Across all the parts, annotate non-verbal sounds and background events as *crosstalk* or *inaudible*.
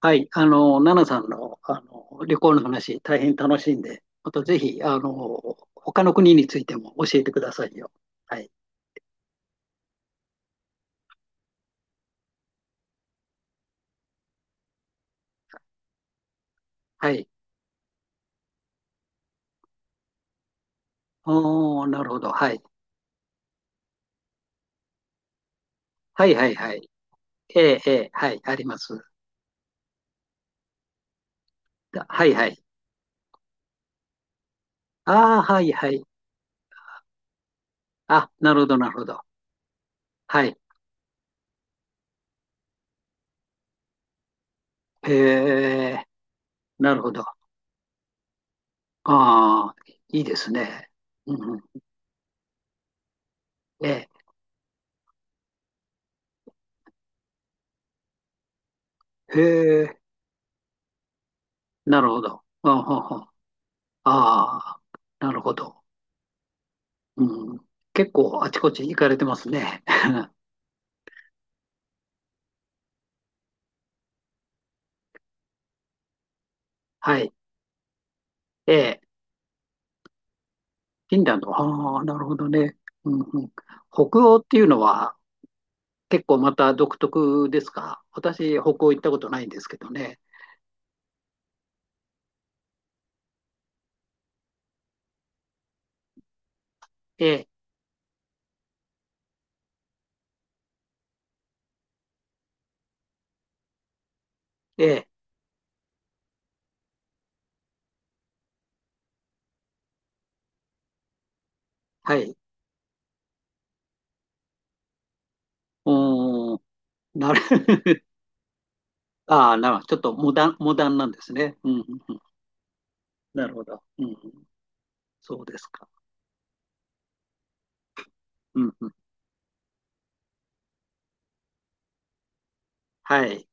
はい、奈々さんの、旅行の話、大変楽しいんで、またぜひ、他の国についても教えてくださいよ。はい、はい。おー、なるほど。はい。はい、はい、はい。ええ、ええ、はい、あります。だはい、はい。ああ、はい、はい。あ、なるほど、なるほど。はい。へえ、なるほど。ああ、いいですね。うんうん、ええ、へえ、なるほど。ああ、ああ、なるほど。うん、結構あちこち行かれてますね。*laughs* はい。ええ、フィンランド。ああ、なるほどね。うんうん、北欧っていうのは結構また独特ですか？私、北欧行ったことないんですけどね。ええ、ええ、はい。うーん、なる *laughs* ああ、なるちょっとモダン、モダンなんですね。うんうんうん、なるほど、うんうん。そうですか。うんうん、はい。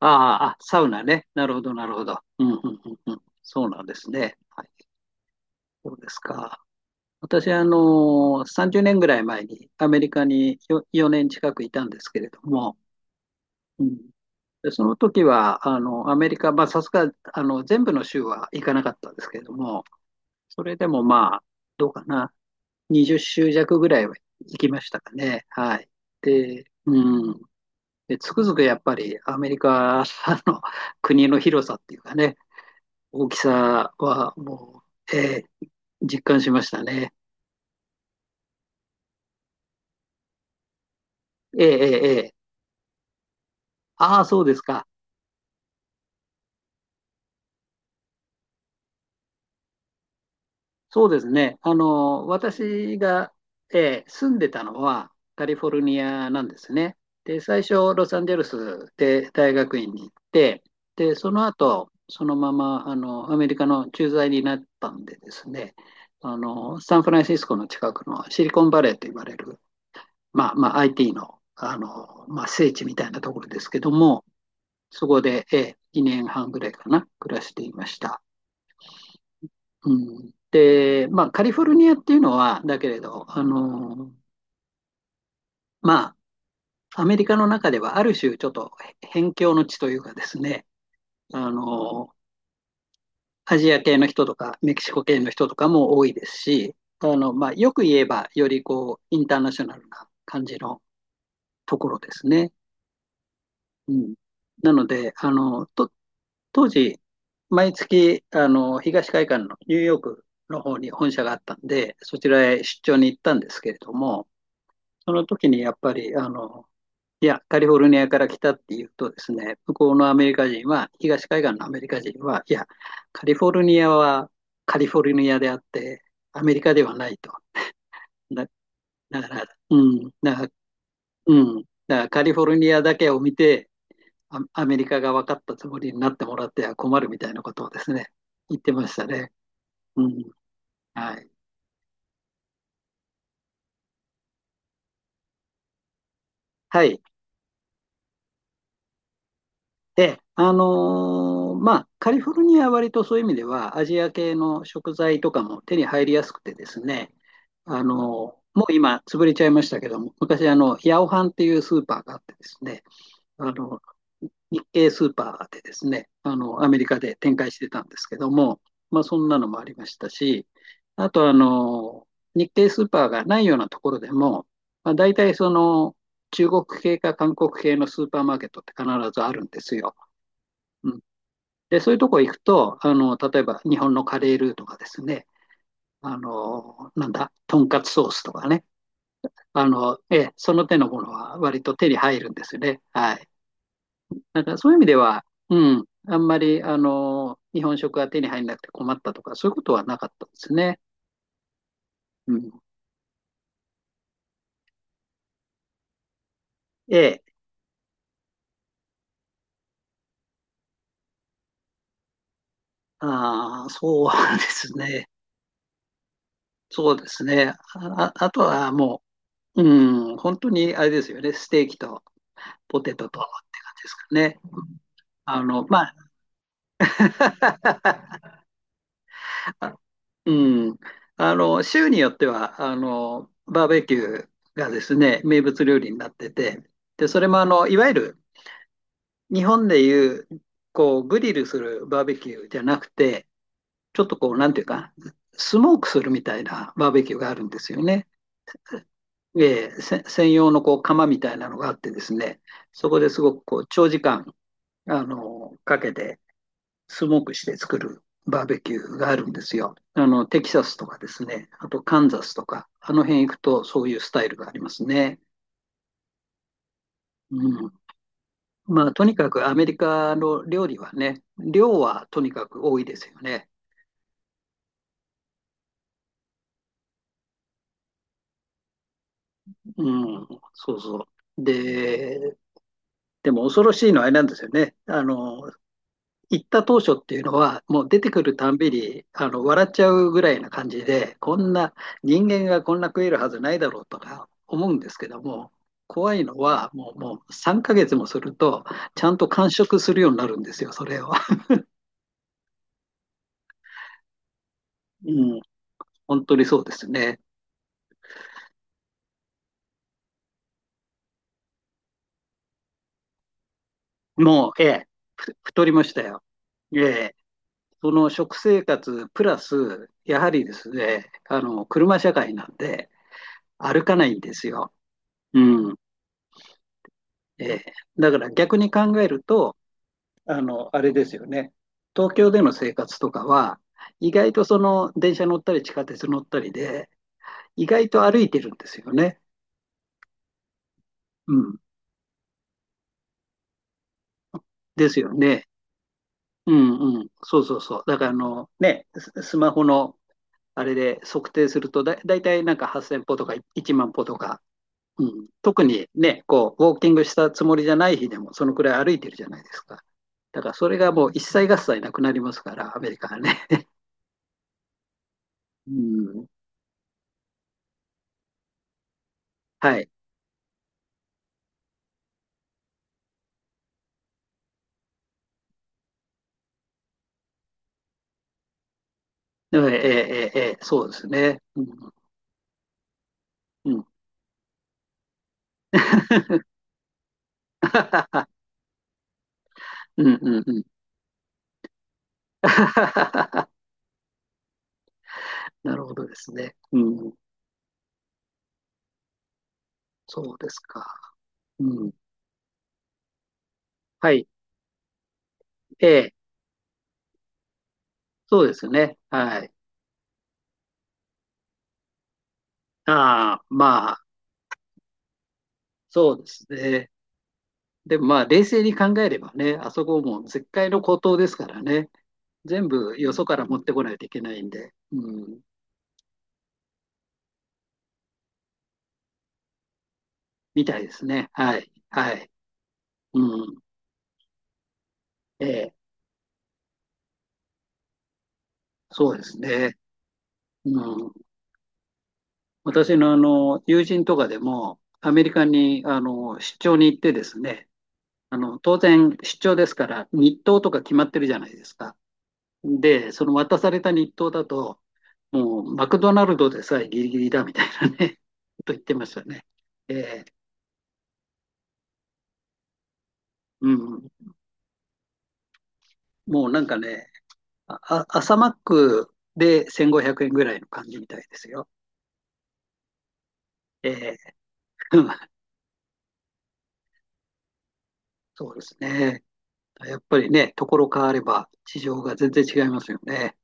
ああ、あサウナね。なるほど、なるほど。うんうんうんうん、そうなんですね。はい、そうですか。私は30年ぐらい前にアメリカによ4年近くいたんですけれども、うん、でその時は、アメリカ、まあ、さすが、全部の州は行かなかったんですけれども、それでもまあ、どうかな、20州弱ぐらいは行きましたかね。はい。で、うん。で、つくづくやっぱりアメリカの国の広さっていうかね、大きさはもう、実感しましたね。ええええええああ、そうですか。そうですね。私が、住んでたのはカリフォルニアなんですね。で、最初、ロサンゼルスで大学院に行って、で、その後、そのまま、アメリカの駐在になったんでですね、サンフランシスコの近くのシリコンバレーと言われる、まあ、IT の、まあ、聖地みたいなところですけども、そこで、2年半ぐらいかな、暮らしていました。うん、で、まあ、カリフォルニアっていうのは、だけれど、まあ、アメリカの中ではある種、ちょっと辺境の地というかですね、あの、アジア系の人とか、メキシコ系の人とかも多いですし、まあ、よく言えば、よりこう、インターナショナルな感じのところですね。うん。なので、当時、毎月、東海岸のニューヨークの方に本社があったんで、そちらへ出張に行ったんですけれども、その時にやっぱり、いや、カリフォルニアから来たっていうとですね、向こうのアメリカ人は、東海岸のアメリカ人は、いや、カリフォルニアはカリフォルニアであって、アメリカではないと。だ、だから、うん、だから、うん、だからカリフォルニアだけを見て、アメリカが分かったつもりになってもらっては困るみたいなことをですね、言ってましたね。うん、はい。はい。で、まあ、カリフォルニアは割とそういう意味では、アジア系の食材とかも手に入りやすくてですね、あのもう今、潰れちゃいましたけども、昔、ヤオハンっていうスーパーがあってですね、あの、日系スーパーでですね、アメリカで展開してたんですけども、まあ、そんなのもありましたし、あと、日系スーパーがないようなところでも、まあ、大体その、中国系か韓国系のスーパーマーケットって必ずあるんですよ。うん、で、そういうとこ行くと、例えば日本のカレールーとかですね、あの、なんだ、とんかつソースとかね、ええ、その手のものは割と手に入るんですよね。はい。だからそういう意味では、うん、あんまり、日本食が手に入らなくて困ったとか、そういうことはなかったですね。うん。ええ、ああ、そうですね。そうですね。あ、ああとはもう、うん、本当にあれですよね、ステーキとポテトとって感じですかね。あの、まあ、うん。州によっては、バーベキューがですね、名物料理になってて、で、それもいわゆる日本でいう、こう、グリルするバーベキューじゃなくて、ちょっとこう、なんていうか、スモークするみたいなバーベキューがあるんですよね。えーせ専用のこう、窯みたいなのがあってですね、そこですごくこう、長時間、かけて、スモークして作るバーベキューがあるんですよ。テキサスとかですね、あとカンザスとか、あの辺行くとそういうスタイルがありますね。うん。まあ、とにかくアメリカの料理はね、量はとにかく多いですよね。うん、そうそう。で、でも恐ろしいのはあれなんですよね。行った当初っていうのは、もう出てくるたんびにあの笑っちゃうぐらいな感じで、こんな人間がこんな食えるはずないだろうとか思うんですけども、怖いのはもう、もう3ヶ月もすると、ちゃんと完食するようになるんですよ、それを。*laughs* うん、本当にそうですね。もう、ええ、太りましたよ。ええ、その食生活プラス、やはりですね、あの車社会なんで、歩かないんですよ。うんええだから逆に考えると、あれですよね。東京での生活とかは、意外とその電車乗ったり地下鉄乗ったりで、意外と歩いてるんですよね。うん。ですよね。うんうん。そうそうそう。だからあの、ね、スマホのあれで測定するとだいたいなんか8000歩とか1万歩とか、うん。特にね、こう、ウォーキングしたつもりじゃない日でも、そのくらい歩いてるじゃないですか。だからそれがもう一切合切なくなりますから、アメリカはね。うん。はい。ええ、ええ、ええ、そうですね。うん、うん。*laughs* うん、うん、うん。*laughs* なるほどですね。うん。そうですか。うん。はい。ええ、そうですね。はい。ああ、まあ、そうですね。でもまあ、冷静に考えればね、あそこも絶海の孤島ですからね。全部よそから持ってこないといけないんで、うん。みたいですね。はい。はい。うん。ええ、そうですね。うん。私の友人とかでも、アメリカに出張に行ってですね、当然出張ですから、日当とか決まってるじゃないですか。で、その渡された日当だと、もうマクドナルドでさえギリギリだみたいなね、*laughs* と言ってましたね。えーうん、もうなんかね、あ、朝マックで1500円ぐらいの感じみたいですよ。えー *laughs* そうですね。やっぱりね、ところ変われば事情が全然違いますよね。